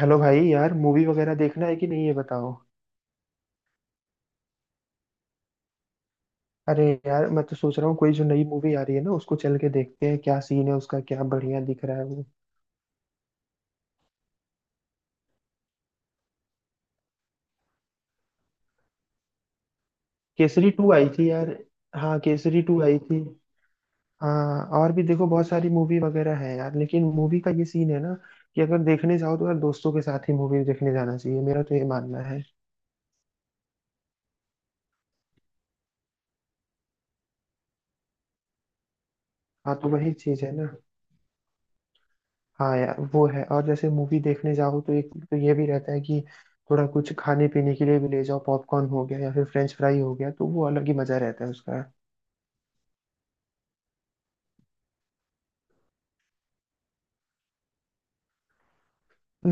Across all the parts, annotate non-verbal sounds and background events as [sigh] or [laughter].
Hello भाई यार, movie वगैरह देखना है कि नहीं ये बताओ। अरे यार, मैं तो सोच रहा हूँ कोई जो नई मूवी आ रही है ना उसको चल के देखते हैं, क्या सीन है उसका, क्या बढ़िया दिख रहा है वो। केसरी टू आई थी यार। हाँ, केसरी टू आई थी। हाँ, और भी देखो बहुत सारी मूवी वगैरह है यार, लेकिन मूवी का ये सीन है ना कि अगर देखने जाओ तो यार दोस्तों के साथ ही मूवी देखने जाना चाहिए, मेरा तो ये मानना है। हाँ तो वही चीज है ना। हाँ यार वो है, और जैसे मूवी देखने जाओ तो एक तो ये भी रहता है कि थोड़ा कुछ खाने पीने के लिए भी ले जाओ, पॉपकॉर्न हो गया या फिर फ्रेंच फ्राई हो गया, तो वो अलग ही मजा रहता है उसका।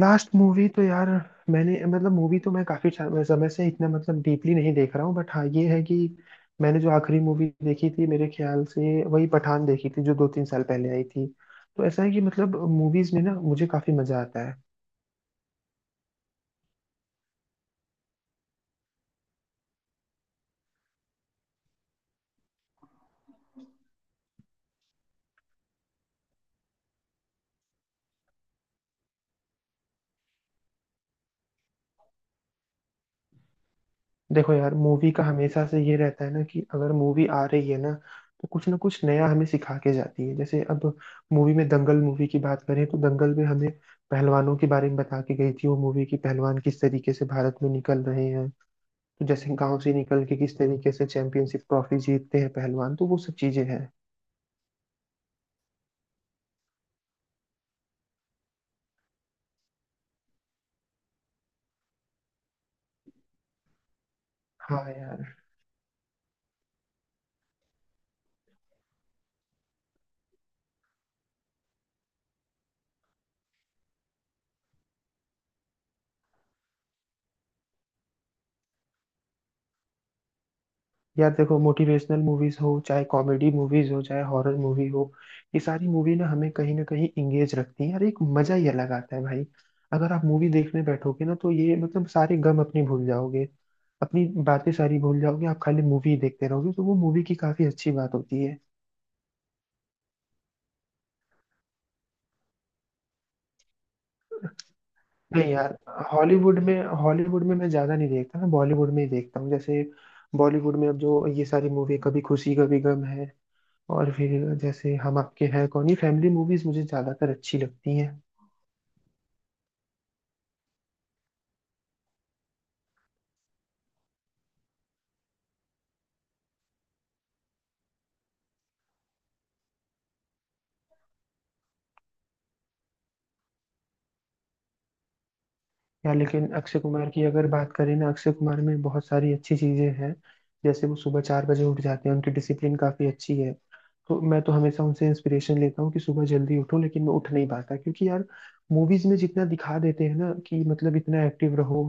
लास्ट मूवी तो यार, मैंने मूवी तो मैं काफी समय से इतना डीपली नहीं देख रहा हूँ, बट हाँ ये है कि मैंने जो आखिरी मूवी देखी थी मेरे ख्याल से वही पठान देखी थी, जो दो तीन साल पहले आई थी। तो ऐसा है कि मूवीज में ना मुझे काफी मजा आता है। देखो यार, मूवी का हमेशा से ये रहता है ना कि अगर मूवी आ रही है ना तो कुछ ना कुछ नया हमें सिखा के जाती है। जैसे अब मूवी में दंगल मूवी की बात करें तो दंगल में हमें पहलवानों के बारे में बता के गई थी वो मूवी की पहलवान किस तरीके से भारत में निकल रहे हैं, तो जैसे गांव से निकल के किस तरीके से चैंपियनशिप ट्रॉफी जीतते हैं पहलवान, तो वो सब चीजें हैं। हाँ यार। यार देखो, मोटिवेशनल मूवीज हो चाहे कॉमेडी मूवीज हो चाहे हॉरर मूवी हो, ये सारी मूवी ना हमें कहीं ना कहीं इंगेज रखती है यार, एक मजा ही अलग आता है भाई। अगर आप मूवी देखने बैठोगे ना तो ये सारे गम अपने भूल जाओगे, अपनी बातें सारी भूल जाओगे, आप खाली मूवी देखते रहोगे, तो वो मूवी की काफी अच्छी बात होती है। नहीं यार, हॉलीवुड में मैं ज्यादा नहीं देखता, मैं बॉलीवुड में ही देखता हूँ। जैसे बॉलीवुड में अब जो ये सारी मूवी कभी खुशी कभी गम है और फिर जैसे हम आपके हैं कौन, ये फैमिली मूवीज मुझे ज्यादातर अच्छी लगती हैं। यार लेकिन अक्षय कुमार की अगर बात करें ना, अक्षय कुमार में बहुत सारी अच्छी चीजें हैं। जैसे वो सुबह चार बजे उठ जाते हैं, उनकी डिसिप्लिन काफी अच्छी है, तो मैं तो हमेशा उनसे इंस्पिरेशन लेता हूँ कि सुबह जल्दी उठो, लेकिन मैं उठ नहीं पाता क्योंकि यार मूवीज में जितना दिखा देते हैं ना कि इतना एक्टिव रहो,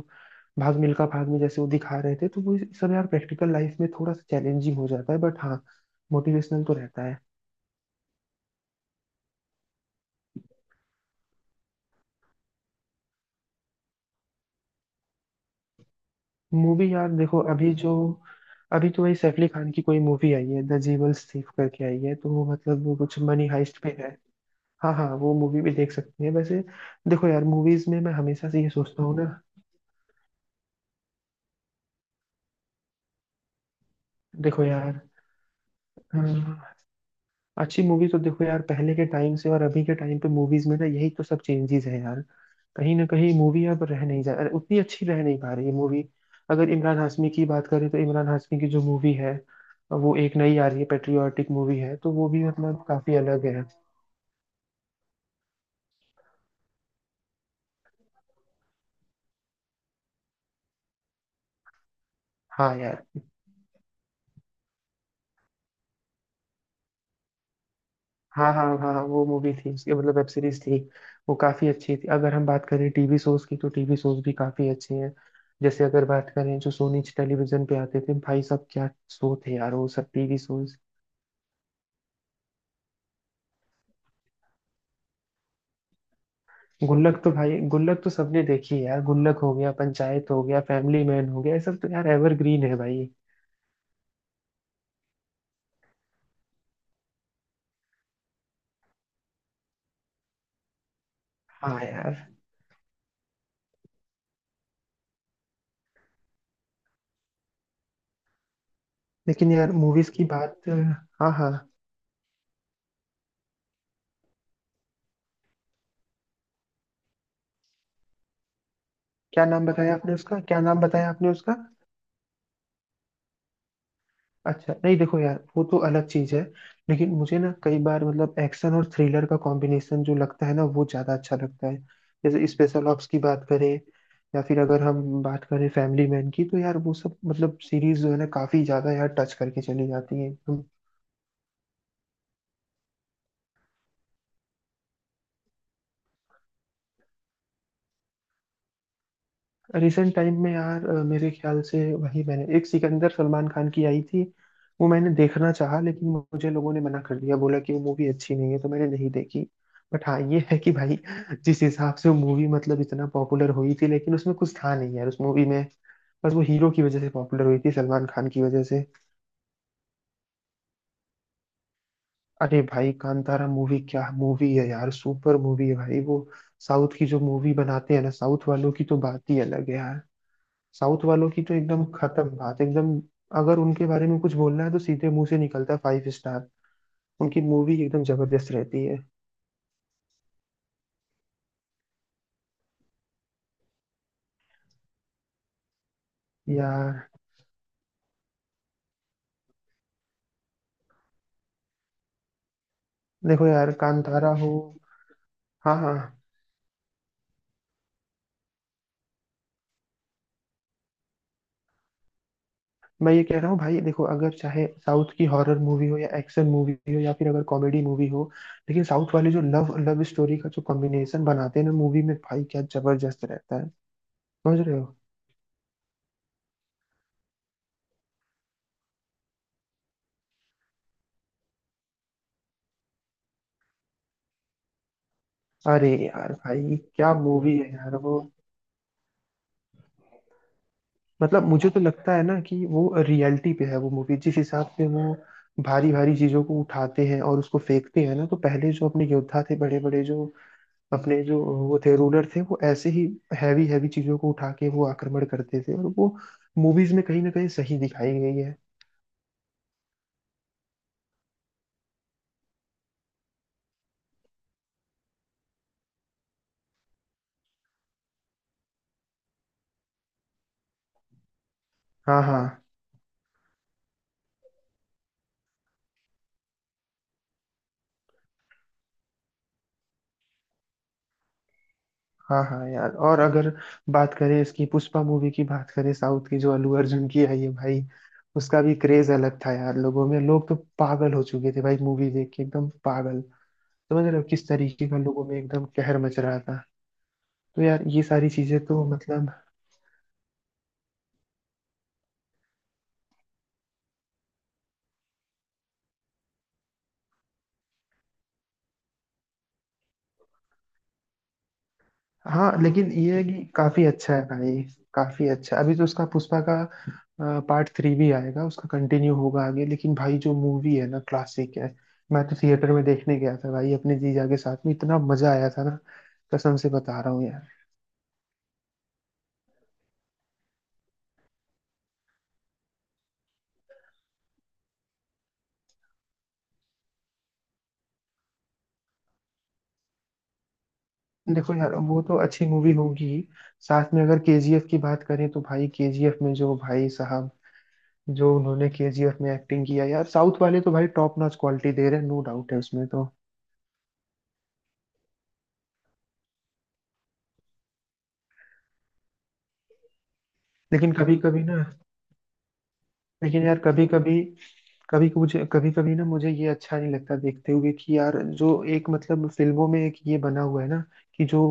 भाग मिल्खा भाग में जैसे वो दिखा रहे थे, तो वो सब यार प्रैक्टिकल लाइफ में थोड़ा सा चैलेंजिंग हो जाता है, बट हाँ मोटिवेशनल तो रहता है। मूवी यार देखो, अभी तो वही सैफ अली खान की कोई मूवी आई है द जीवल्स थीफ करके आई है, तो वो वो कुछ मनी हाइस्ट पे है। हाँ हाँ, वो मूवी भी देख सकते हैं वैसे। देखो यार मूवीज में मैं हमेशा से ये सोचता हूँ ना, देखो यार, हाँ, अच्छी मूवी तो देखो यार, पहले के टाइम से और अभी के टाइम पे मूवीज में ना यही तो सब चेंजेस है यार, कहीं ना कहीं मूवी अब रह नहीं जा उतनी अच्छी रह नहीं पा रही है मूवी। अगर इमरान हाशमी की बात करें तो इमरान हाशमी की जो मूवी है वो एक नई आ रही है पेट्रियाटिक मूवी है, तो वो भी काफी अलग है। हाँ यार। हाँ हाँ हाँ हाँ, वो मूवी थी उसके वेब सीरीज थी। वो काफी अच्छी थी। अगर हम बात करें टीवी शोज की तो टीवी शोज भी काफी अच्छे हैं, जैसे अगर बात करें जो सोनी टेलीविजन पे आते थे, भाई साहब क्या शो थे यार वो सब टीवी शोज। गुल्लक तो भाई, गुल्लक तो सबने देखी है यार, गुल्लक हो गया, पंचायत हो गया, फैमिली मैन हो गया, ये सब तो यार एवरग्रीन है भाई। हाँ यार। लेकिन यार मूवीज की बात, हाँ हाँ, क्या नाम बताया आपने उसका, क्या नाम बताया आपने उसका? अच्छा, नहीं देखो यार वो तो अलग चीज है। लेकिन मुझे ना कई बार एक्शन और थ्रिलर का कॉम्बिनेशन जो लगता है ना वो ज्यादा अच्छा लगता है। जैसे स्पेशल ऑप्स की बात करें या फिर अगर हम बात करें फैमिली मैन की, तो यार वो सब सीरीज जो है ना काफी ज्यादा यार टच करके चली जाती है। रिसेंट टाइम में यार मेरे ख्याल से वही मैंने एक सिकंदर सलमान खान की आई थी, वो मैंने देखना चाहा लेकिन मुझे लोगों ने मना कर दिया, बोला कि वो मूवी अच्छी नहीं है, तो मैंने नहीं देखी। बट हाँ ये है कि भाई जिस हिसाब से वो मूवी इतना पॉपुलर हुई थी, लेकिन उसमें कुछ था नहीं यार उस मूवी में, बस वो हीरो की वजह से पॉपुलर हुई थी, सलमान खान की वजह से। अरे भाई, कांतारा मूवी क्या मूवी है यार, सुपर मूवी है भाई वो। साउथ की जो मूवी बनाते हैं ना, साउथ वालों की तो बात ही अलग है यार। साउथ वालों की तो एकदम खत्म बात, एकदम, अगर उनके बारे में कुछ बोलना है तो सीधे मुंह से निकलता है फाइव स्टार। उनकी मूवी एकदम जबरदस्त रहती है यार। देखो यार कांतारा हो हाँ हाँ, मैं ये कह रहा हूँ भाई देखो, अगर चाहे साउथ की हॉरर मूवी हो या एक्शन मूवी हो या फिर अगर कॉमेडी मूवी हो, लेकिन साउथ वाले जो लव लव स्टोरी का जो कॉम्बिनेशन बनाते हैं ना मूवी में, भाई क्या जबरदस्त रहता है, समझ रहे हो। अरे यार भाई क्या मूवी है यार वो, मुझे तो लगता है ना कि वो रियलिटी पे है वो मूवी, जिस हिसाब से वो भारी भारी चीजों को उठाते हैं और उसको फेंकते हैं ना, तो पहले जो अपने योद्धा थे बड़े बड़े, जो अपने जो वो थे रूलर थे, वो ऐसे ही हैवी हैवी चीजों को उठा के वो आक्रमण करते थे, और वो मूवीज में कहीं ना कहीं सही दिखाई गई है। हाँ हाँ हाँ। हाँ यार, और अगर बात करें इसकी पुष्पा मूवी की बात करें, साउथ की जो अल्लू अर्जुन की आई है भाई, उसका भी क्रेज अलग था यार लोगों में, लोग तो पागल हो चुके थे भाई, मूवी देख के एकदम पागल, समझ रहे हो किस तरीके का लोगों में एकदम कहर मच रहा था। तो यार ये सारी चीजें तो हाँ लेकिन ये है कि काफी अच्छा है भाई, काफी अच्छा। अभी तो उसका पुष्पा का पार्ट थ्री भी आएगा, उसका कंटिन्यू होगा आगे, लेकिन भाई जो मूवी है ना क्लासिक है। मैं तो थिएटर में देखने गया था भाई अपने जीजा के साथ में, इतना मजा आया था ना, कसम से बता रहा हूँ यार। देखो यार, वो तो अच्छी मूवी होगी। साथ में अगर केजीएफ की बात करें तो भाई केजीएफ में जो भाई साहब, जो उन्होंने केजीएफ में एक्टिंग किया यार, साउथ वाले तो भाई टॉप नॉच क्वालिटी दे रहे हैं, नो डाउट है उसमें तो। लेकिन कभी कभी ना लेकिन यार कभी कभी कभी मुझे कभी कभी ना मुझे ये अच्छा नहीं लगता देखते हुए कि यार जो एक फिल्मों में एक ये बना हुआ है ना कि जो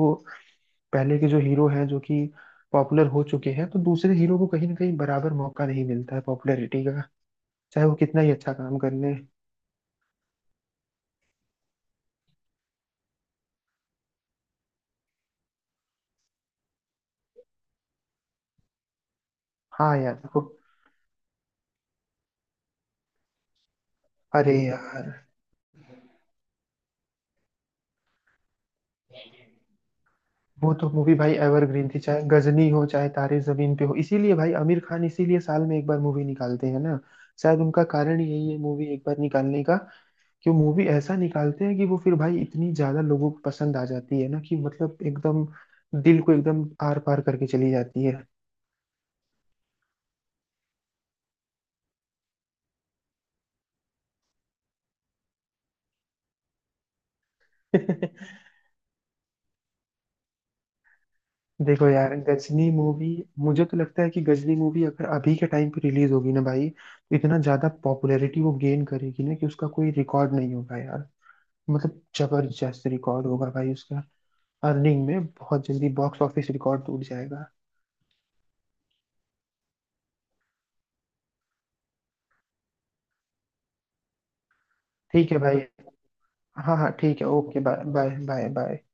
पहले के जो हीरो हैं जो कि पॉपुलर हो चुके हैं, तो दूसरे हीरो को कहीं ना कहीं बराबर मौका नहीं मिलता है पॉपुलैरिटी का, चाहे वो कितना ही अच्छा काम कर ले। हाँ यार देखो, अरे यार वो तो मूवी भाई एवरग्रीन थी, चाहे गजनी हो चाहे तारे जमीन पे हो, इसीलिए भाई आमिर खान इसीलिए साल में एक बार मूवी निकालते हैं ना, शायद उनका कारण यही है मूवी एक बार निकालने का, कि वो मूवी ऐसा निकालते हैं कि वो फिर भाई इतनी ज्यादा लोगों को पसंद आ जाती है ना कि एकदम दिल को एकदम आर पार करके चली जाती है। [laughs] देखो यार गजनी मूवी, मुझे तो लगता है कि गजनी मूवी अगर अभी के टाइम पे रिलीज होगी ना भाई, तो इतना ज्यादा पॉपुलैरिटी वो गेन करेगी ना कि उसका कोई रिकॉर्ड नहीं होगा यार, जबरदस्त रिकॉर्ड होगा भाई उसका। अर्निंग में बहुत जल्दी बॉक्स ऑफिस रिकॉर्ड टूट जाएगा। ठीक है भाई। हाँ हाँ ठीक है, okay bye bye bye bye.